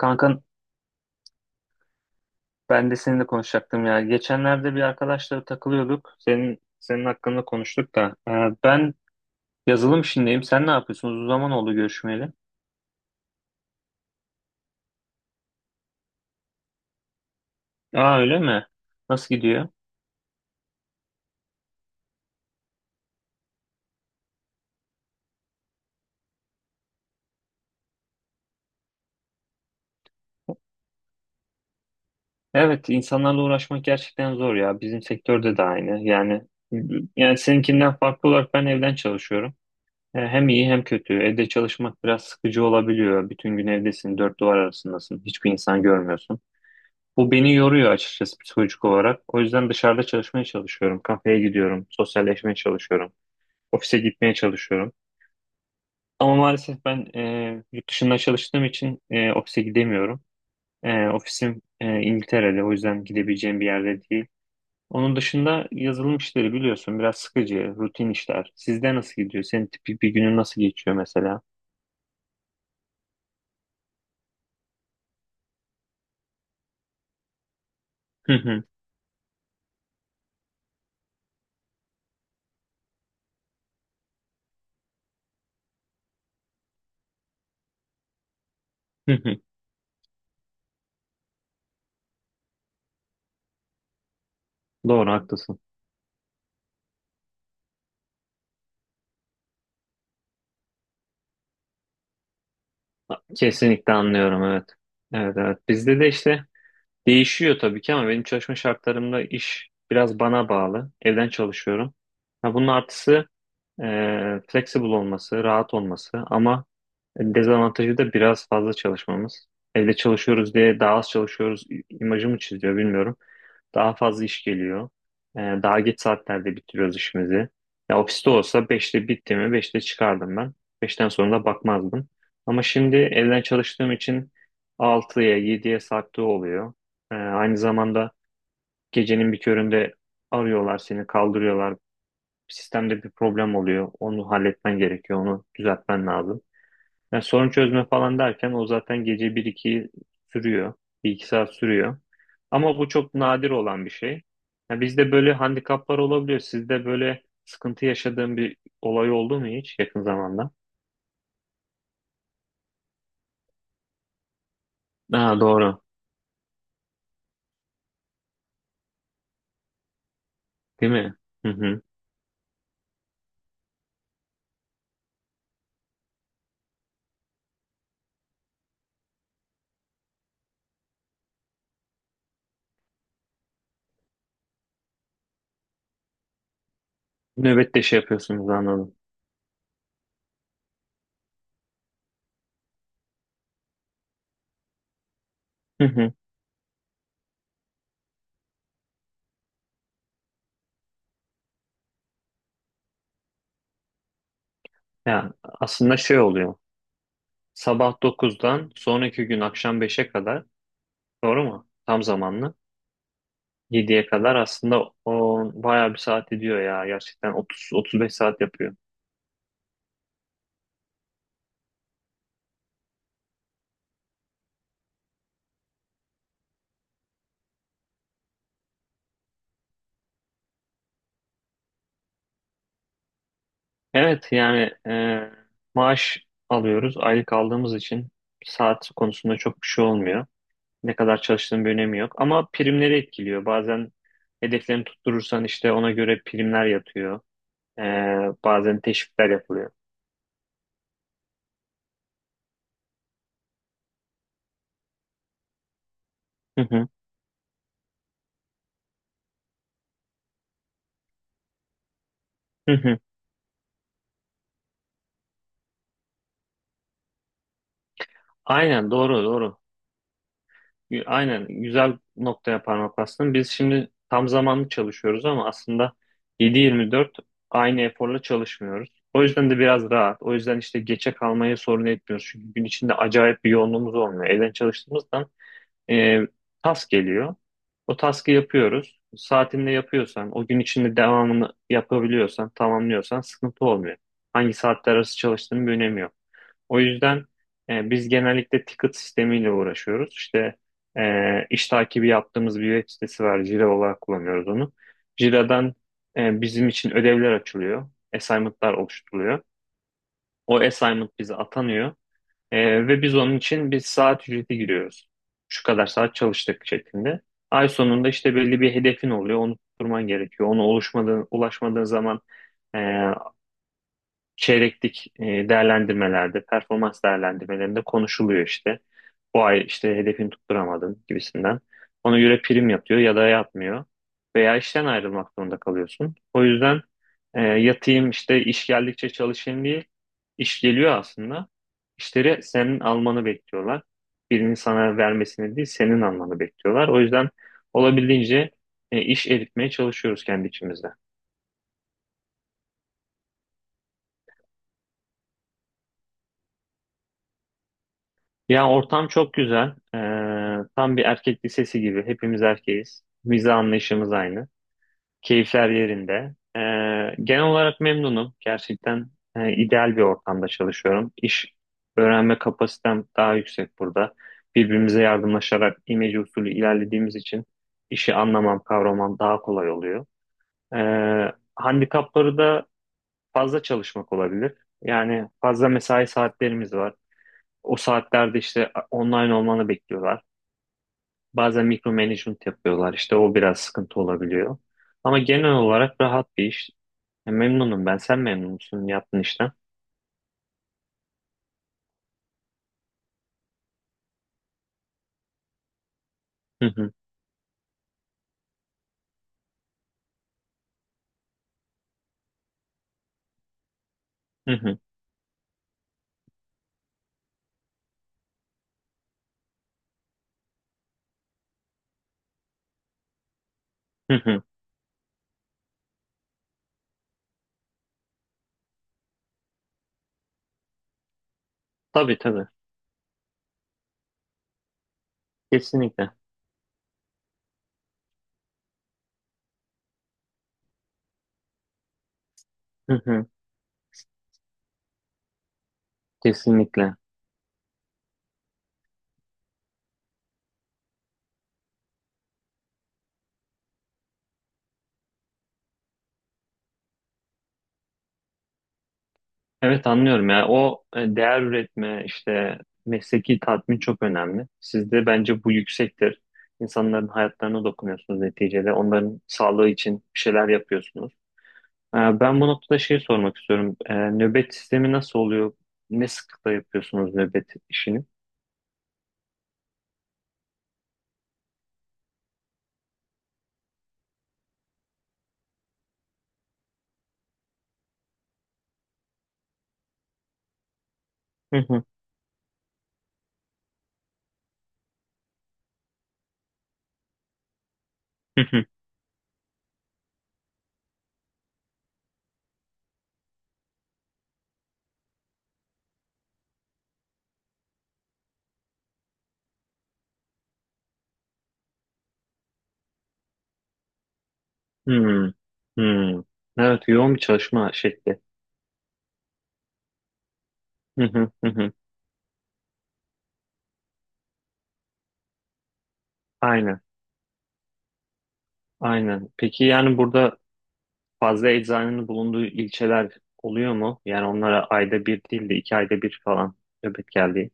Kanka ben de seninle konuşacaktım ya. Geçenlerde bir arkadaşla takılıyorduk. Senin hakkında konuştuk da. Ben yazılım işindeyim. Sen ne yapıyorsun? Uzun zaman oldu görüşmeyeli. Aa öyle mi? Nasıl gidiyor? Evet, insanlarla uğraşmak gerçekten zor ya. Bizim sektörde de aynı. Yani seninkinden farklı olarak ben evden çalışıyorum. Hem iyi hem kötü. Evde çalışmak biraz sıkıcı olabiliyor. Bütün gün evdesin, dört duvar arasındasın. Hiçbir insan görmüyorsun. Bu beni yoruyor açıkçası psikolojik olarak. O yüzden dışarıda çalışmaya çalışıyorum. Kafeye gidiyorum, sosyalleşmeye çalışıyorum. Ofise gitmeye çalışıyorum. Ama maalesef ben yurt dışında çalıştığım için ofise gidemiyorum. Ofisim İngiltere'de, o yüzden gidebileceğim bir yerde değil. Onun dışında yazılım işleri biliyorsun biraz sıkıcı, rutin işler. Sizde nasıl gidiyor? Senin tipik bir günün nasıl geçiyor mesela? Hı hı, hı hı. Doğru haklısın. Kesinlikle anlıyorum evet. Evet evet. Bizde de işte değişiyor tabii ki ama benim çalışma şartlarımda iş biraz bana bağlı. Evden çalışıyorum. Ha, bunun artısı e, flexible olması, rahat olması ama dezavantajı da biraz fazla çalışmamız. Evde çalışıyoruz diye daha az çalışıyoruz imajı mı çiziyor bilmiyorum. Daha fazla iş geliyor. Daha geç saatlerde bitiriyoruz işimizi. Ya ofiste olsa beşte bitti mi beşte çıkardım ben. Beşten sonra da bakmazdım. Ama şimdi evden çalıştığım için altıya yediye sarktığı oluyor. Aynı zamanda gecenin bir köründe arıyorlar seni kaldırıyorlar. Sistemde bir problem oluyor. Onu halletmen gerekiyor. Onu düzeltmen lazım. Yani sorun çözme falan derken o zaten gece bir iki sürüyor. Bir iki saat sürüyor. Ama bu çok nadir olan bir şey. Yani bizde böyle handikaplar olabiliyor. Sizde böyle sıkıntı yaşadığın bir olay oldu mu hiç yakın zamanda? Aa, doğru. Değil mi? Hı hı. Nöbette şey yapıyorsunuz anladım. Hı hı. Yani aslında şey oluyor. Sabah dokuzdan sonraki gün akşam beşe kadar, doğru mu? Tam zamanlı. Yediye kadar aslında o bayağı bir saat ediyor ya. Gerçekten 30-35 saat yapıyor. Evet yani maaş alıyoruz. Aylık aldığımız için saat konusunda çok bir şey olmuyor. Ne kadar çalıştığın bir önemi yok. Ama primleri etkiliyor. Bazen hedeflerini tutturursan işte ona göre primler yatıyor. E, Bazen teşvikler yapılıyor. Hı hı, hı hı. Aynen doğru doğru. Aynen güzel noktaya parmak bastın. Biz şimdi tam zamanlı çalışıyoruz ama aslında 7-24 aynı eforla çalışmıyoruz. O yüzden de biraz rahat. O yüzden işte geçe kalmayı sorun etmiyoruz. Çünkü gün içinde acayip bir yoğunluğumuz olmuyor. Evden çalıştığımızdan e, task geliyor. O task'ı yapıyoruz. Saatinde yapıyorsan, o gün içinde devamını yapabiliyorsan, tamamlıyorsan sıkıntı olmuyor. Hangi saatler arası çalıştığının bir önemi yok. O yüzden biz genellikle ticket sistemiyle uğraşıyoruz. İşte iş takibi yaptığımız bir web sitesi var. Jira olarak kullanıyoruz onu. Jira'dan bizim için ödevler açılıyor. Assignment'lar oluşturuluyor. O assignment bize atanıyor. Ve biz onun için bir saat ücreti giriyoruz. Şu kadar saat çalıştık şeklinde. Ay sonunda işte belli bir hedefin oluyor. Onu tutturman gerekiyor. Onu oluşmadığın, ulaşmadığın zaman e, çeyreklik değerlendirmelerde, performans değerlendirmelerinde konuşuluyor işte. Bu ay işte hedefini tutturamadın gibisinden. Ona göre prim yapıyor ya da yapmıyor. Veya işten ayrılmak zorunda kalıyorsun. O yüzden yatayım işte iş geldikçe çalışayım diye iş geliyor aslında. İşleri senin almanı bekliyorlar. Birinin sana vermesini değil, senin almanı bekliyorlar. O yüzden olabildiğince iş eritmeye çalışıyoruz kendi içimizde. Ya ortam çok güzel. Tam bir erkek lisesi gibi. Hepimiz erkeğiz. Vize anlayışımız aynı. Keyifler yerinde. Genel olarak memnunum. Gerçekten ideal bir ortamda çalışıyorum. İş öğrenme kapasitem daha yüksek burada. Birbirimize yardımlaşarak imece usulü ilerlediğimiz için işi anlamam, kavramam daha kolay oluyor. Handikapları da fazla çalışmak olabilir. Yani fazla mesai saatlerimiz var. O saatlerde işte online olmanı bekliyorlar. Bazen mikro management yapıyorlar. İşte o biraz sıkıntı olabiliyor. Ama genel olarak rahat bir iş. Ya memnunum ben. Sen memnun musun yaptığın işten? Hı hı, hı hı, hı hı. Tabii tabii. Kesinlikle. Hı hı, kesinlikle. Evet anlıyorum ya. O değer üretme işte mesleki tatmin çok önemli. Sizde bence bu yüksektir. İnsanların hayatlarına dokunuyorsunuz neticede. Onların sağlığı için bir şeyler yapıyorsunuz. Ben bu noktada şey sormak istiyorum. Nöbet sistemi nasıl oluyor? Ne sıklıkla yapıyorsunuz nöbet işini? Hı hı, hı hı, hı, hı. Evet, yoğun bir çalışma şekli. Hı hı, hı hı. Aynen, aynen. Peki yani burada fazla eczanenin bulunduğu ilçeler oluyor mu? Yani onlara ayda bir değil de iki ayda bir falan nöbet geldiği.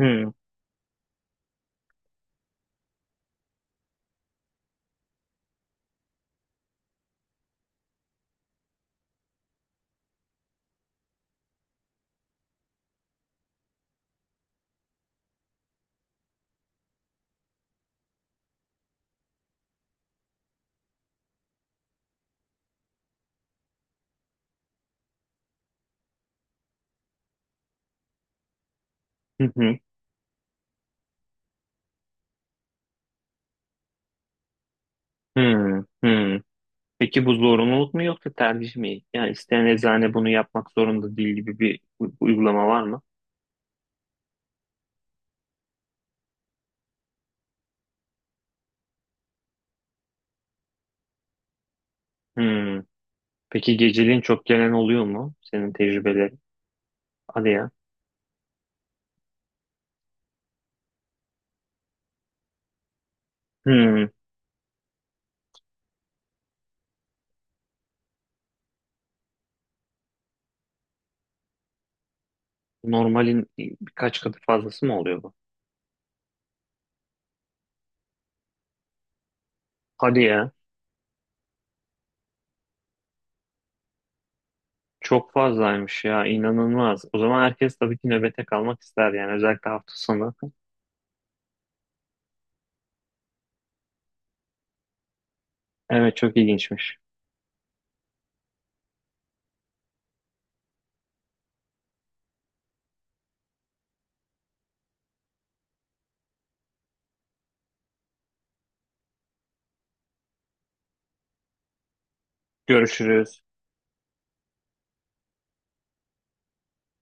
Hı hı, hı hı, hı. Peki bu zorunluluk mu yoksa tercih mi? Yani isteyen eczane bunu yapmak zorunda değil gibi bir uygulama var mı? Hmm. Peki geceliğin çok gelen oluyor mu? Senin tecrübelerin. Hadi ya. Hmm. Normalin birkaç katı fazlası mı oluyor bu? Hadi ya. Çok fazlaymış ya. İnanılmaz. O zaman herkes tabii ki nöbete kalmak ister yani. Özellikle hafta sonu. Evet çok ilginçmiş. Görüşürüz.